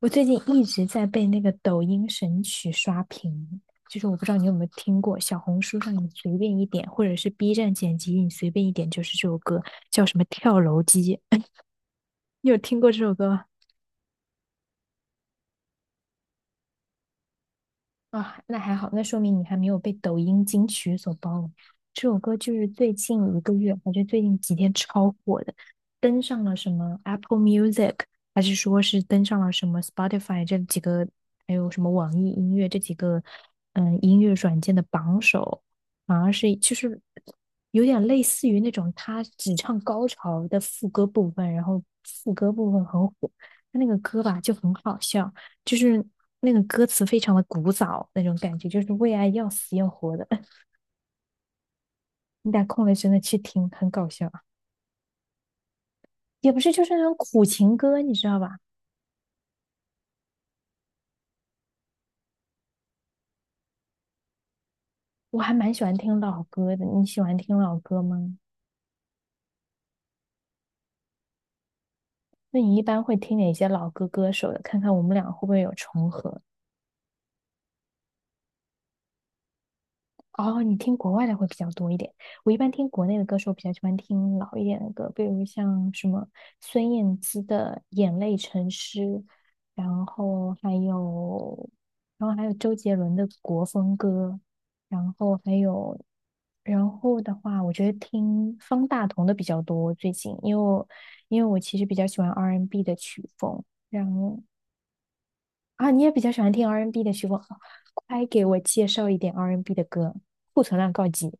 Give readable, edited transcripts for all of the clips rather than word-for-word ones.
我最近一直在被那个抖音神曲刷屏，就是我不知道你有没有听过，小红书上你随便一点，或者是 B 站剪辑你随便一点，就是这首歌叫什么《跳楼机》你有听过这首歌吗？啊，那还好，那说明你还没有被抖音金曲所包围。这首歌就是最近一个月，还是最近几天超火的，登上了什么 Apple Music，还是说是登上了什么 Spotify 这几个，还有什么网易音乐这几个，音乐软件的榜首，反而是就是有点类似于那种他只唱高潮的副歌部分，然后副歌部分很火，他那个歌吧就很好笑。就是那个歌词非常的古早那种感觉，就是为爱要死要活的。你打空了真的去听，很搞笑啊。也不是，就是那种苦情歌，你知道吧？我还蛮喜欢听老歌的。你喜欢听老歌吗？那你一般会听哪些老歌歌手的？看看我们俩会不会有重合。哦，你听国外的会比较多一点。我一般听国内的歌手，比较喜欢听老一点的歌，比如像什么孙燕姿的《眼泪成诗》，然后还有，然后还有周杰伦的国风歌，然后还有，然后的话，我觉得听方大同的比较多最近，因为我其实比较喜欢 R&B 的曲风，然后啊，你也比较喜欢听 R&B N 的曲风，哦快给我介绍一点 R&B N 的歌，库存量告急！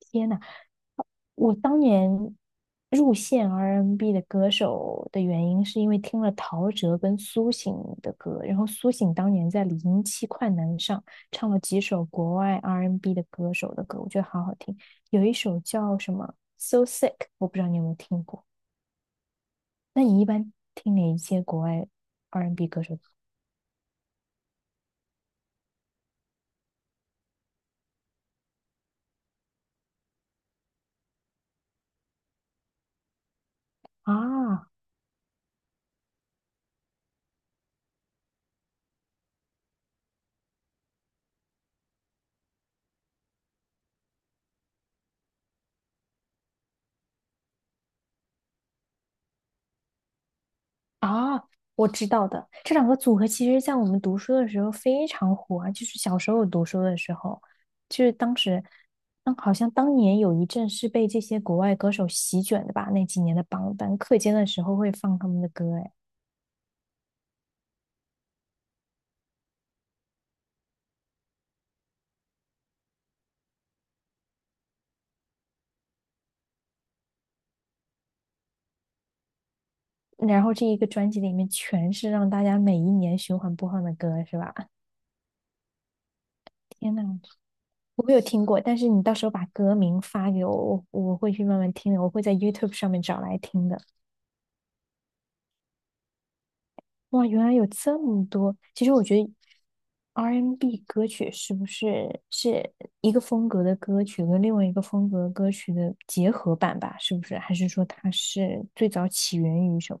天呐，我当年入线 R&B N 的歌手的原因，是因为听了陶喆跟苏醒的歌，然后苏醒当年在零七快男上唱了几首国外 R&B N 的歌手的歌，我觉得好好听，有一首叫什么《So Sick》，我不知道你有没有听过？那你一般听哪一些国外 R&B N 歌手的歌啊？啊，我知道的，这两个组合其实在我们读书的时候非常火，啊，就是小时候读书的时候，就是当时，好像当年有一阵是被这些国外歌手席卷的吧，那几年的榜单，课间的时候会放他们的歌，哎，然后这一个专辑里面全是让大家每一年循环播放的歌，是吧？天呐，我没有听过，但是你到时候把歌名发给我，我会去慢慢听的，我会在 YouTube 上面找来听的。哇，原来有这么多。其实我觉得 R&B N 歌曲是不是一个风格的歌曲跟另外一个风格的歌曲的结合版吧？是不是？还是说它是最早起源于什么？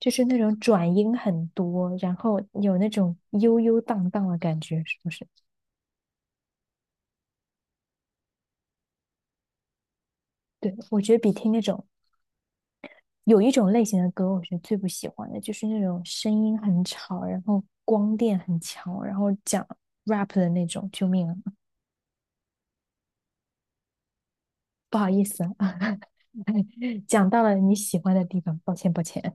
就是那种转音很多，然后有那种悠悠荡荡的感觉，是不是？对，我觉得比听那种有一种类型的歌，我是最不喜欢的，就是那种声音很吵，然后光电很强，然后讲 rap 的那种。救命啊！不好意思，讲到了你喜欢的地方，抱歉抱歉。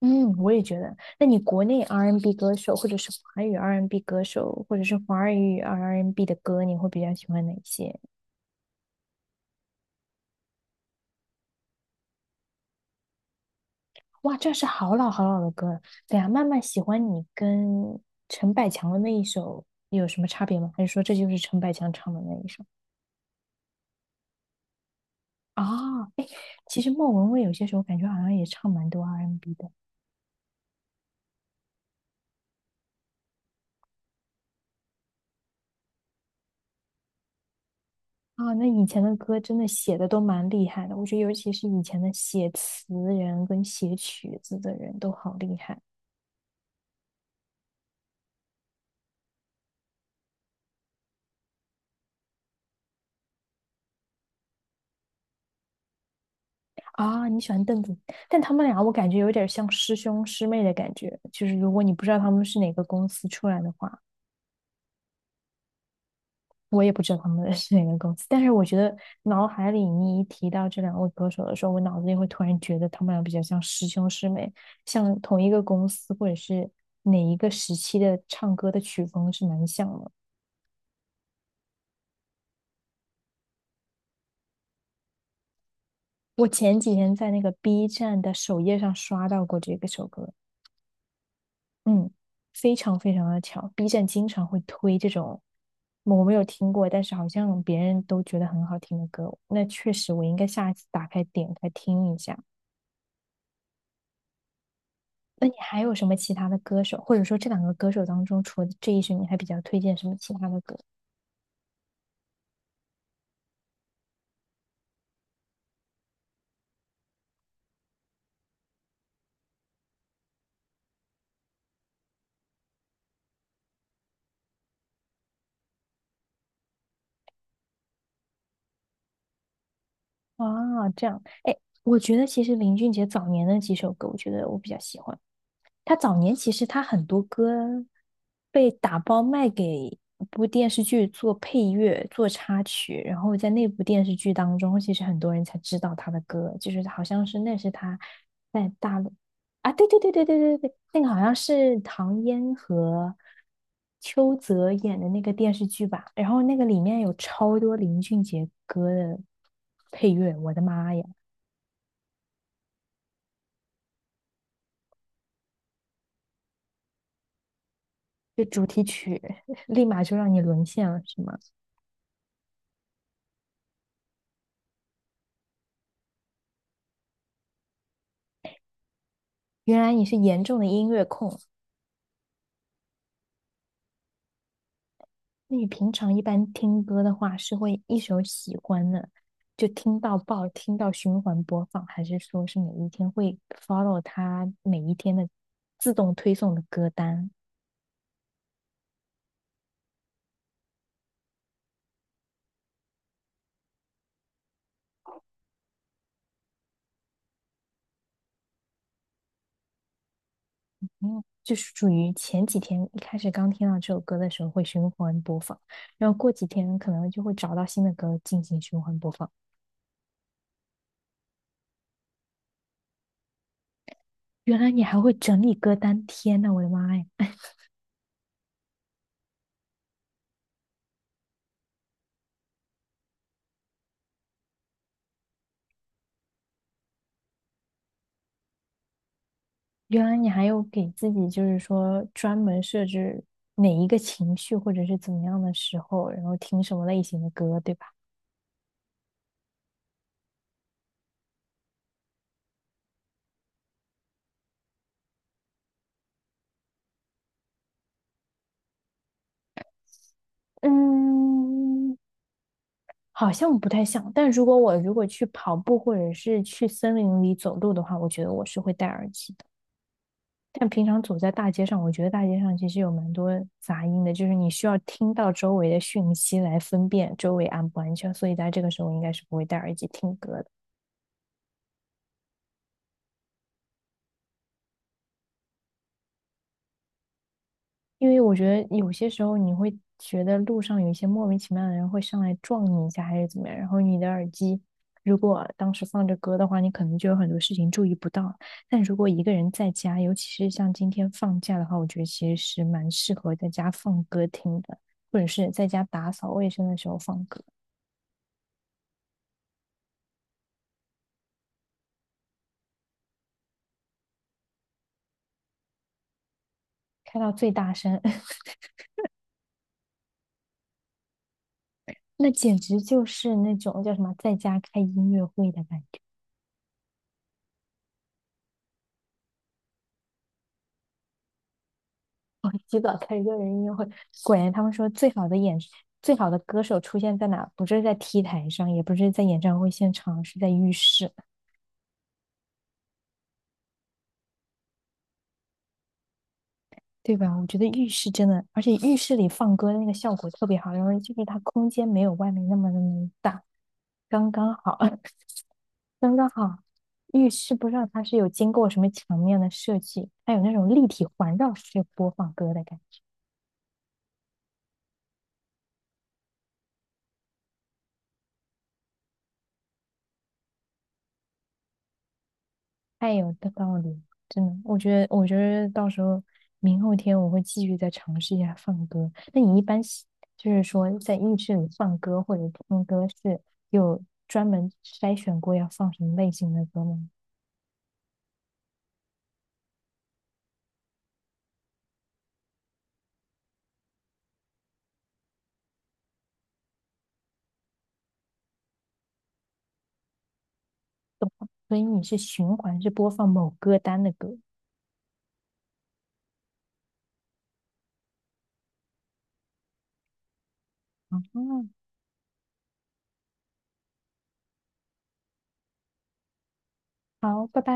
嗯，我也觉得。那你国内 R&B n 歌手，或者是华语 R&B n 歌手，或者是华语 R&B n 的歌，你会比较喜欢哪些？哇，这是好老好老的歌了。对呀，慢慢喜欢你跟陈百强的那一首有什么差别吗？还是说这就是陈百强唱的那一首？啊、其实莫文蔚有些时候感觉好像也唱蛮多 R&B n 的。啊，那以前的歌真的写的都蛮厉害的，我觉得尤其是以前的写词人跟写曲子的人都好厉害啊！你喜欢邓紫，但他们俩我感觉有点像师兄师妹的感觉，就是如果你不知道他们是哪个公司出来的话，我也不知道他们 是哪个公司，但是我觉得脑海里你一提到这两位歌手的时候，我脑子里会突然觉得他们俩比较像师兄师妹，像同一个公司或者是哪一个时期的唱歌的曲风是蛮像的。我前几天在那个 B 站的首页上刷到过这个首歌，嗯，非常非常的巧。B 站经常会推这种我没有听过，但是好像别人都觉得很好听的歌。那确实，我应该下一次打开点开听一下。那你还有什么其他的歌手，或者说这两个歌手当中，除了这一首，你还比较推荐什么其他的歌啊？这样，哎，我觉得其实林俊杰早年的几首歌，我觉得我比较喜欢。他早年其实他很多歌被打包卖给一部电视剧做配乐、做插曲，然后在那部电视剧当中，其实很多人才知道他的歌，就是好像是那是他在大陆啊，对对对对对对对，那个好像是唐嫣和邱泽演的那个电视剧吧，然后那个里面有超多林俊杰歌的配乐，我的妈呀，立马就让你沦陷了，是吗？原来你是严重的音乐控。那你平常一般听歌的话，是会一首喜欢的就听到爆，听到循环播放，还是说是每一天会 follow 它每一天的自动推送的歌单？嗯，就是属于前几天一开始刚听到这首歌的时候会循环播放，然后过几天可能就会找到新的歌进行循环播放。原来你还会整理歌单，天呐，我的妈呀！原来你还有给自己，就是说专门设置哪一个情绪或者是怎么样的时候，然后听什么类型的歌，对吧？嗯，好像不太像，但如果去跑步或者是去森林里走路的话，我觉得我是会戴耳机的。但平常走在大街上，我觉得大街上其实有蛮多杂音的，就是你需要听到周围的讯息来分辨周围安不安全，所以在这个时候应该是不会戴耳机听歌的。因为我觉得有些时候你会觉得路上有一些莫名其妙的人会上来撞你一下，还是怎么样，然后你的耳机如果当时放着歌的话，你可能就有很多事情注意不到。但如果一个人在家，尤其是像今天放假的话，我觉得其实是蛮适合在家放歌听的，或者是在家打扫卫生的时候放歌，开到最大声，那简直就是那种叫什么在家开音乐会的感觉。我极早开始个人音乐会，果然他们说最好的歌手出现在哪？不是在 T 台上，也不是在演唱会现场，是在浴室，对吧？我觉得浴室真的，而且浴室里放歌的那个效果特别好，因为就是它空间没有外面那么那么大，刚刚好，刚刚好。浴室不知道它是有经过什么墙面的设计，它有那种立体环绕式播放歌的感觉。太有道理，真的，我觉得，我觉得到时候明后天我会继续再尝试一下放歌。那你一般就是说在浴室里放歌或者听歌是有专门筛选过要放什么类型的歌吗？所以你是循环是播放某歌单的歌。啊，好，拜拜。